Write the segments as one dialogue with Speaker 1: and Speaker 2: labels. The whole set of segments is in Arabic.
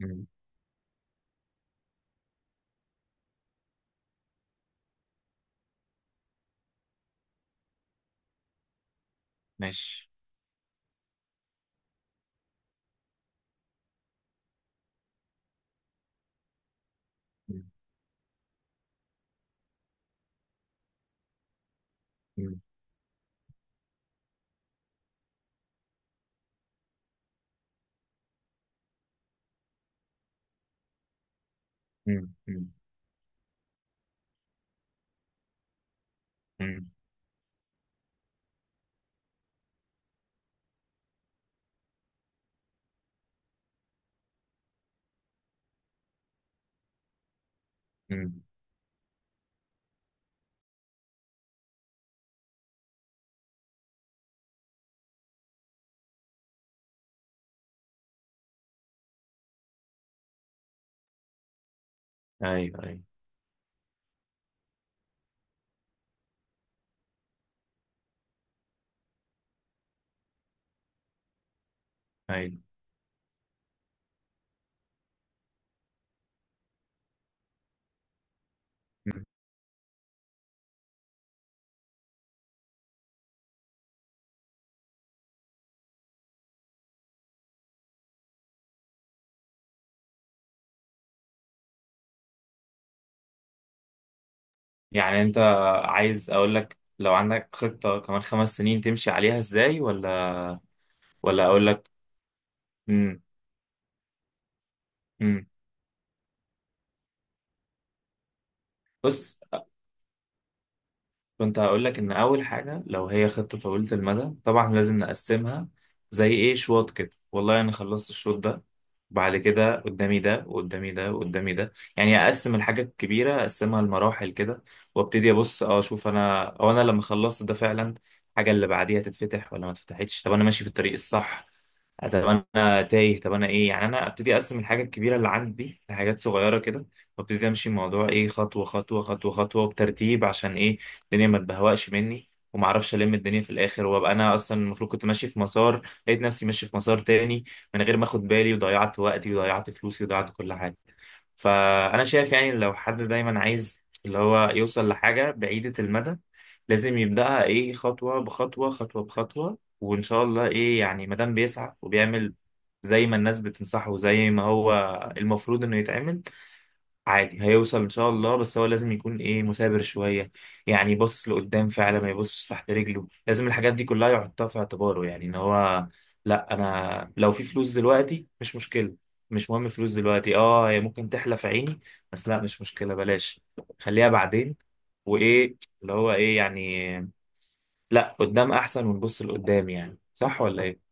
Speaker 1: مم. ماشي. مم. مم. مم. مم. مم. مم. ايوه، ايوه، ايوه. يعني انت عايز اقول لك لو عندك خطة كمان خمس سنين تمشي عليها ازاي، ولا اقول لك؟ مم. مم. بص، كنت هقول لك ان اول حاجه لو هي خطه طويله المدى، طبعا لازم نقسمها. زي ايه؟ شوط كده. والله انا خلصت الشوط ده، بعد كده قدامي ده وقدامي ده وقدامي ده. يعني اقسم الحاجه الكبيره، اقسمها لمراحل كده، وابتدي ابص اشوف، انا لما خلصت ده فعلا الحاجه اللي بعديها تتفتح ولا ما اتفتحتش. طب انا ماشي في الطريق الصح؟ طب انا تايه؟ طب انا ايه؟ يعني انا ابتدي اقسم الحاجه الكبيره اللي عندي لحاجات صغيره كده، وابتدي امشي الموضوع ايه، خطوه خطوه خطوه خطوه بترتيب. عشان ايه؟ الدنيا ما تبهوأش مني وما اعرفش الم الدنيا في الاخر، وابقى انا اصلا المفروض كنت ماشي في مسار لقيت نفسي ماشي في مسار تاني من غير ما اخد بالي، وضيعت وقتي وضيعت فلوسي وضيعت كل حاجه. فانا شايف يعني، لو حد دايما عايز اللي هو يوصل لحاجه بعيده المدى، لازم يبداها ايه، خطوه بخطوه خطوه بخطوه. وان شاء الله ايه يعني، ما دام بيسعى وبيعمل زي ما الناس بتنصحه وزي ما هو المفروض انه يتعمل، عادي هيوصل ان شاء الله. بس هو لازم يكون ايه، مثابر شويه. يعني يبص لقدام فعلا ما يبصش تحت رجله. لازم الحاجات دي كلها يحطها في اعتباره، يعني ان هو لا، انا لو في فلوس دلوقتي مش مشكله. مش مهم فلوس دلوقتي. اه هي ممكن تحلف عيني، بس لا، مش مشكله، بلاش. خليها بعدين. وايه اللي هو ايه يعني. لا، قدام احسن، ونبص لقدام. يعني صح ولا ايه؟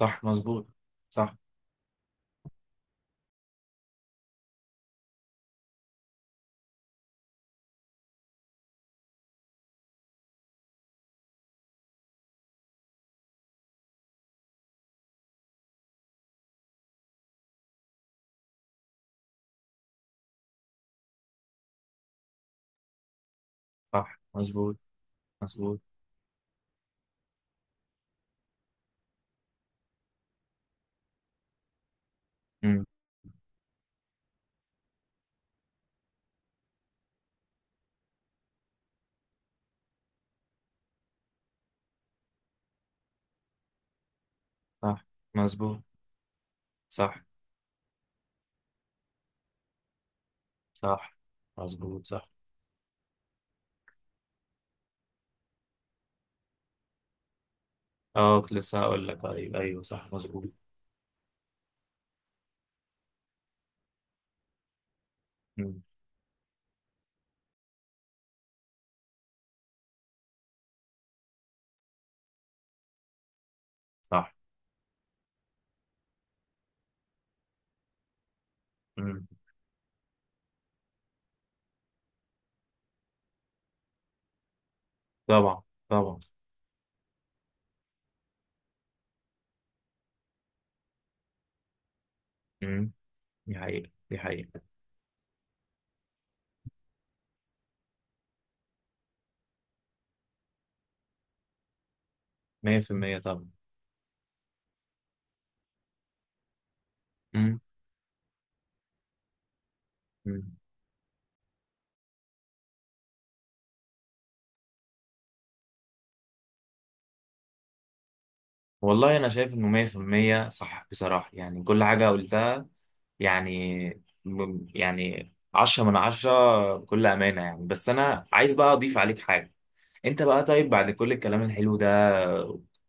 Speaker 1: صح، مظبوط. صح. صح، مظبوط. مظبوط. امم. صح، مظبوط. صح. صح، مظبوط. صح. اه، كنت لسه هقول لك، طيب ايوه صح مظبوط. مم. صح. مم. طبعا. طبعا. مم. دي حقيقة، دي حقيقة. 100% طبعا. مم. مم. والله انا شايف انه 100% صح بصراحه. يعني كل حاجه قلتها، يعني يعني 10 من 10 بكل امانه يعني. بس انا عايز بقى اضيف عليك حاجه. انت بقى طيب، بعد كل الكلام الحلو ده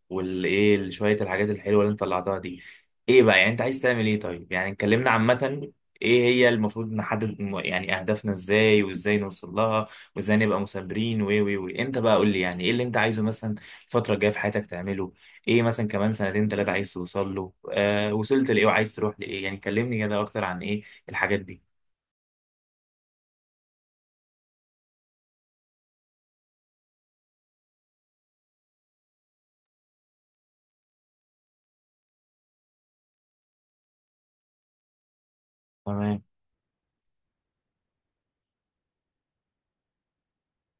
Speaker 1: والايه، شويه الحاجات الحلوه اللي انت طلعتها دي، ايه بقى يعني انت عايز تعمل؟ ايه طيب، يعني اتكلمنا عامه ايه هي المفروض، نحدد يعني اهدافنا ازاي، وازاي نوصل لها، وازاي نبقى مثابرين، و انت بقى قول لي يعني ايه اللي انت عايزه، مثلا الفتره الجايه في حياتك تعمله ايه؟ مثلا كمان سنتين ثلاثة عايز توصل له، وصلت لايه وعايز تروح لايه؟ يعني كلمني كده اكتر عن ايه الحاجات دي. تمام.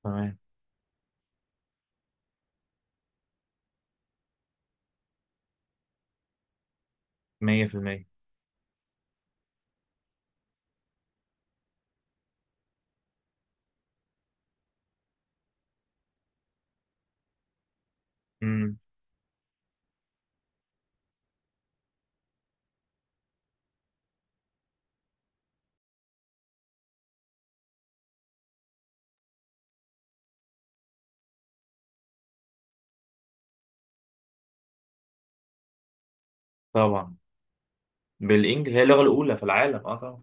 Speaker 1: تمام. 100%. امم. طبعا بالانجلش هي اللغة الاولى في العالم، طبعا.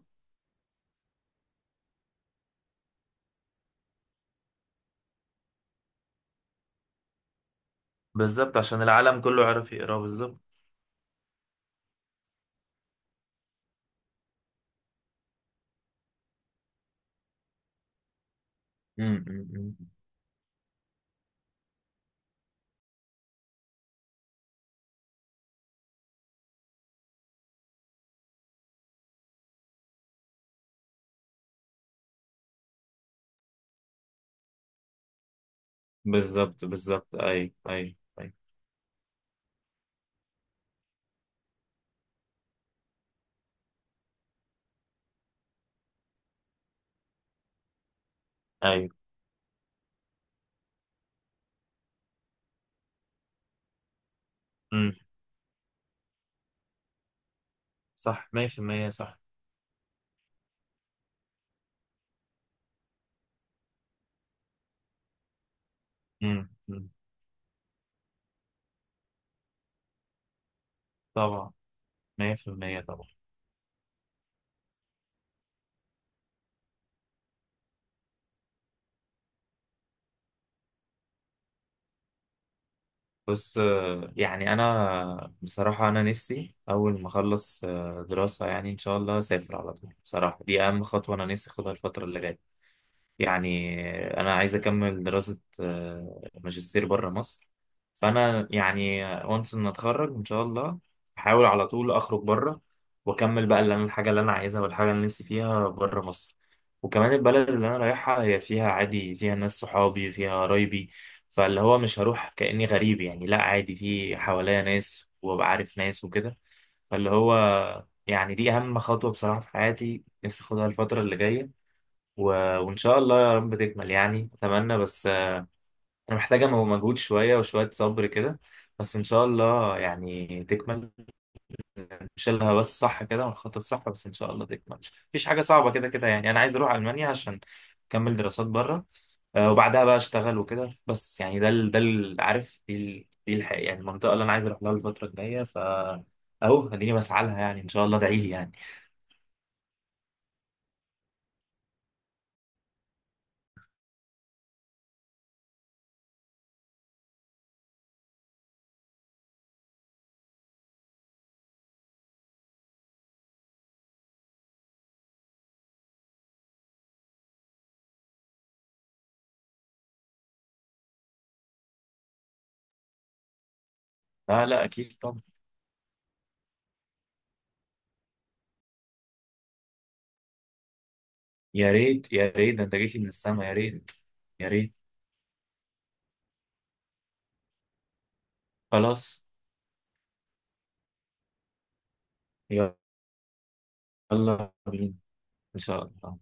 Speaker 1: بالظبط، عشان العالم كله عارف يقراه. بالظبط. امم. أمم. بالظبط، بالظبط. ايوه، ايوه. ايوه، ايوه. امم. صح. 100% صح. امم. أمم. طبعا. 100% طبعا. بص، يعني انا بصراحه انا نفسي اول ما اخلص دراسه، يعني ان شاء الله اسافر على طول. بصراحه دي اهم خطوه انا نفسي اخدها الفتره اللي جايه. يعني انا عايز اكمل دراسة ماجستير بره مصر. فانا يعني، وانس ان اتخرج ان شاء الله، احاول على طول اخرج بره، واكمل بقى اللي الحاجة اللي انا عايزها، والحاجة اللي نفسي فيها بره مصر. وكمان البلد اللي انا رايحها هي فيها عادي، فيها ناس صحابي، فيها قرايبي. فاللي هو مش هروح كأني غريب، يعني لا، عادي في حواليا ناس وابقى عارف ناس وكده. فاللي هو، يعني دي اهم خطوة بصراحة في حياتي، نفسي اخدها الفترة اللي جاية. و... وإن شاء الله يا رب تكمل، يعني أتمنى. بس أنا محتاجة مجهود، شوية وشوية صبر كده، بس إن شاء الله يعني تكمل. نشيلها بس صح كده، ونخطط صح، بس إن شاء الله تكمل. مفيش حاجة صعبة كده كده. يعني أنا عايز أروح ألمانيا عشان أكمل دراسات بره، وبعدها بقى أشتغل وكده. بس يعني عارف دي ال... دي الح... يعني المنطقة اللي أنا عايز أروح لها الفترة الجاية، ف أهو، أديني بسعى لها. يعني إن شاء الله ادعي لي يعني. لا، لا، أكيد طبعا. يا ريت، يا ريت، ده أنت جيت لي من السما، يا ريت. يا ريت. خلاص. يلا بينا. إن شاء الله.